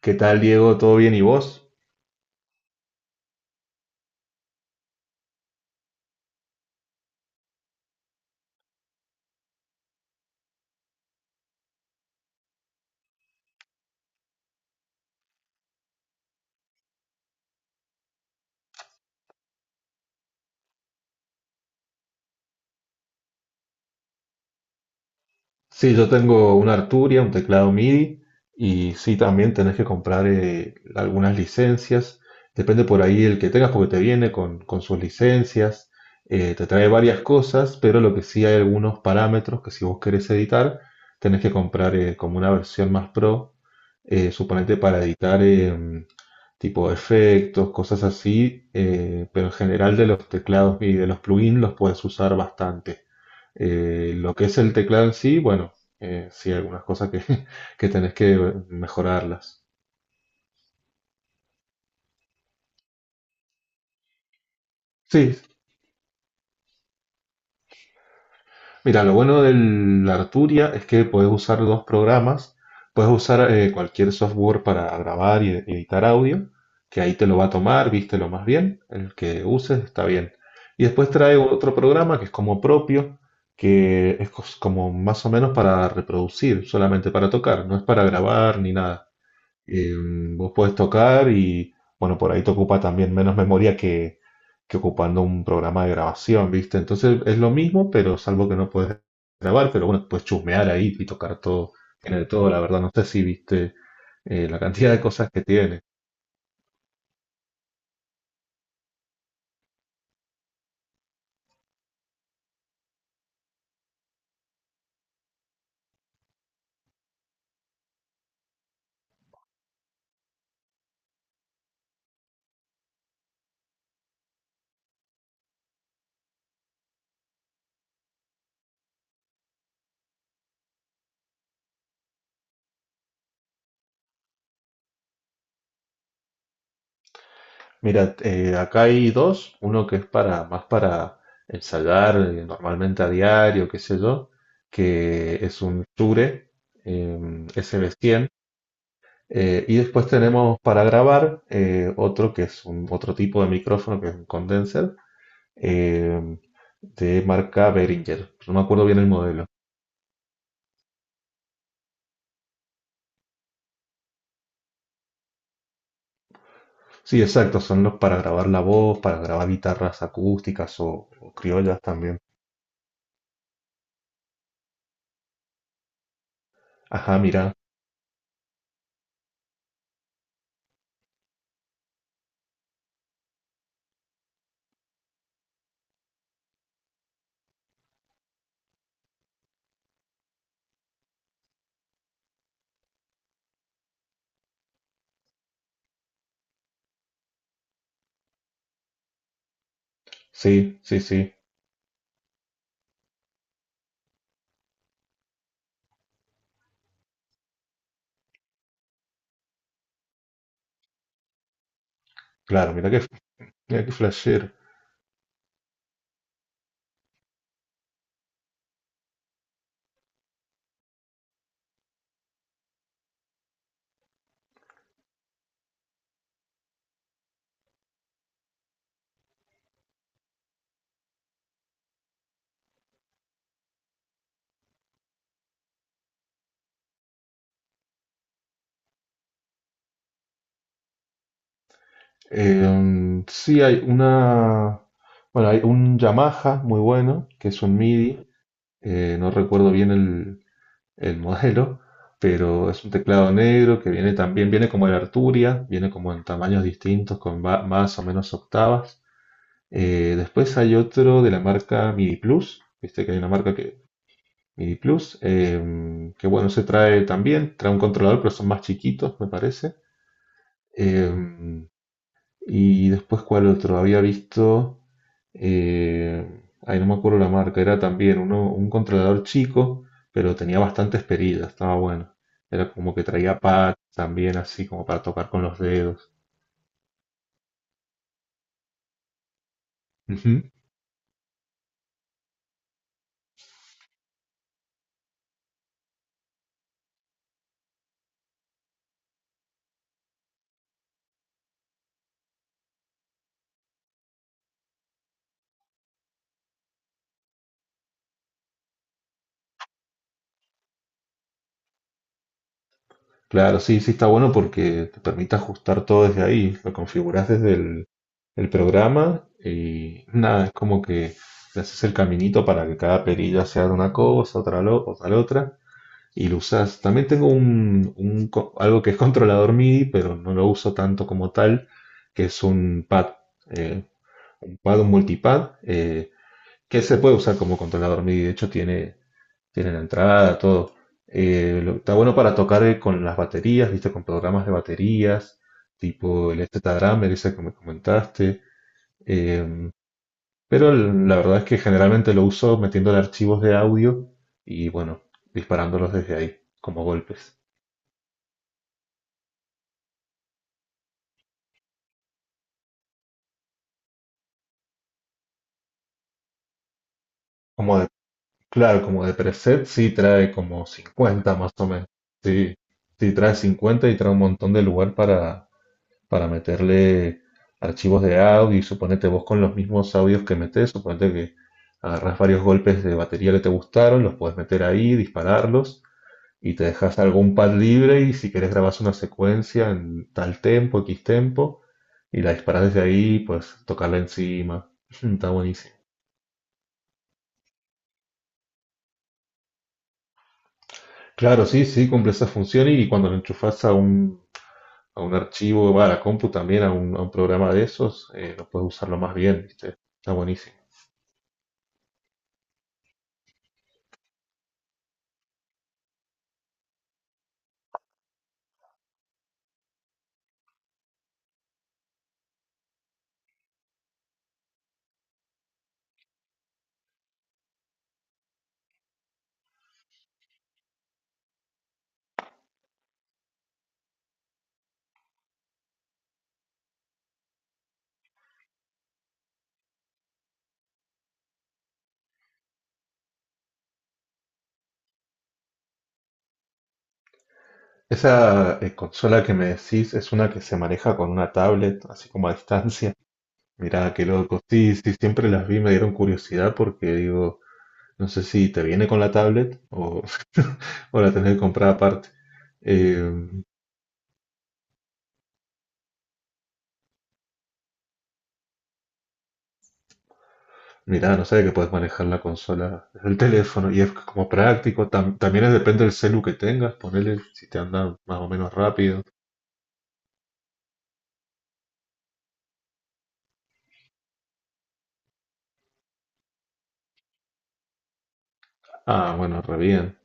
¿Qué tal, Diego? ¿Todo bien y vos? Sí, yo tengo una Arturia, un teclado MIDI y sí, también tenés que comprar algunas licencias. Depende por ahí el que tengas porque te viene con sus licencias, te trae varias cosas, pero lo que sí hay algunos parámetros que si vos querés editar, tenés que comprar como una versión más pro, suponete para editar tipo efectos, cosas así, pero en general de los teclados y de los plugins los puedes usar bastante. Lo que es el teclado en sí, bueno, sí, algunas cosas que, que tenés que mejorarlas. Sí, mira, lo bueno del Arturia es que podés usar dos programas. Puedes usar cualquier software para grabar y editar audio, que ahí te lo va a tomar, vístelo más bien, el que uses está bien. Y después trae otro programa que es como propio, que es como más o menos para reproducir, solamente para tocar, no es para grabar ni nada. Eh, Vos podés tocar y, bueno, por ahí te ocupa también menos memoria que ocupando un programa de grabación, ¿viste? Entonces es lo mismo, pero salvo que no puedes grabar, pero bueno, puedes chusmear ahí y tocar todo, tiene de todo, la verdad. No sé si viste la cantidad de cosas que tiene. Mira, acá hay dos, uno que es para más para ensayar normalmente a diario, qué sé yo, que es un Shure eh, y después tenemos para grabar otro que es otro tipo de micrófono que es un condenser eh, de marca Behringer. No me acuerdo bien el modelo. Sí, exacto, son los para grabar la voz, para grabar guitarras acústicas o criollas también. Ajá, mira, sí, sí, sí, claro, mira que flasher. Sí, hay una, bueno, hay un Yamaha muy bueno, que es un MIDI, no recuerdo bien el modelo, pero es un teclado negro que viene también, viene como el Arturia, viene como en tamaños distintos, con más o menos octavas. Después hay otro de la marca MIDI Plus, viste que hay una marca que MIDI Plus, que bueno, se trae también, trae un controlador, pero son más chiquitos, me parece. Eh, y después, ¿cuál otro? Había visto eh, ahí no me acuerdo la marca, era también uno, un controlador chico, pero tenía bastantes perillas, estaba bueno. Era como que traía pads también, así como para tocar con los dedos. Ujú. Claro, sí, sí está bueno porque te permite ajustar todo desde ahí. Lo configuras desde el programa y nada, es como que le haces el caminito para que cada perilla sea de una cosa, otra la otra. Y lo usas. También tengo un algo que es controlador MIDI, pero no lo uso tanto como tal, que es un pad, eh, un pad, un multipad, que se puede usar como controlador MIDI. De hecho, tiene la entrada, todo. Está bueno para tocar con las baterías, viste, con programas de baterías, tipo el ST Drummer, ese que me comentaste. Em, pero la verdad es que generalmente lo uso metiéndole archivos de audio y bueno, disparándolos desde ahí, como golpes. Como Claro, como de preset sí trae como 50 más o menos. Sí, sí trae 50 y trae un montón de lugar para meterle archivos de audio y suponete vos con los mismos audios que metés, suponete que agarrás varios golpes de batería que te gustaron, los puedes meter ahí, dispararlos y te dejas algún pad libre y si querés grabás una secuencia en tal tempo, X tempo y la disparás desde ahí, pues tocarla encima. Está buenísimo. Claro, sí, sí, cumple esa función y cuando lo enchufas a un archivo, va a la compu también, a a un programa de esos, lo puedes usarlo más bien, ¿viste? Está buenísimo. Esa consola que me decís es una que se maneja con una tablet, así como a distancia. Mirá, qué loco. Sí, sí, siempre las vi, me dieron curiosidad porque digo, no sé si te viene con la tablet o, o la tenés que comprar aparte. Eh, Mirá, no sabía que puedes manejar la consola desde el teléfono y es como práctico. También depende del celu que tengas, ponele si te anda más o menos rápido. Ah, bueno, re bien.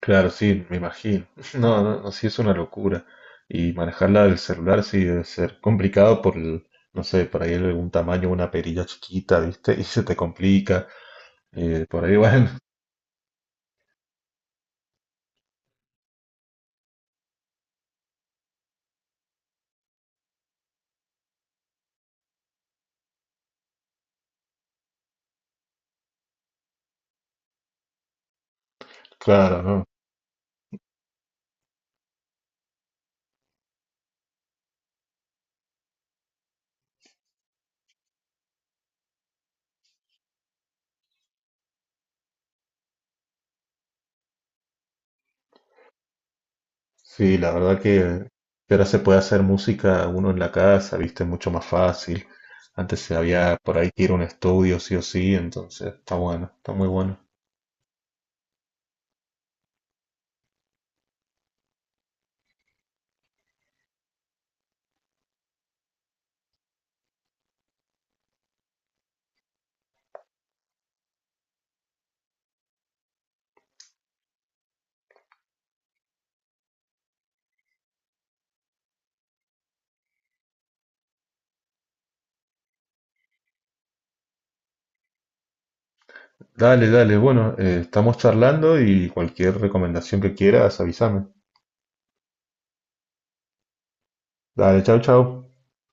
Claro, sí, me imagino. No, no, no, sí es una locura. Y manejarla del celular sí debe ser complicado por el, no sé, por ahí algún tamaño, una perilla chiquita, ¿viste? Y se te complica. Por ahí, bueno, claro, ¿no? Sí, la verdad que ahora se puede hacer música uno en la casa, ¿viste? Mucho más fácil. Antes se había por ahí que ir a un estudio, sí o sí, entonces está bueno, está muy bueno. Dale, dale, bueno, estamos charlando y cualquier recomendación que quieras, avísame. Dale, chau, chau.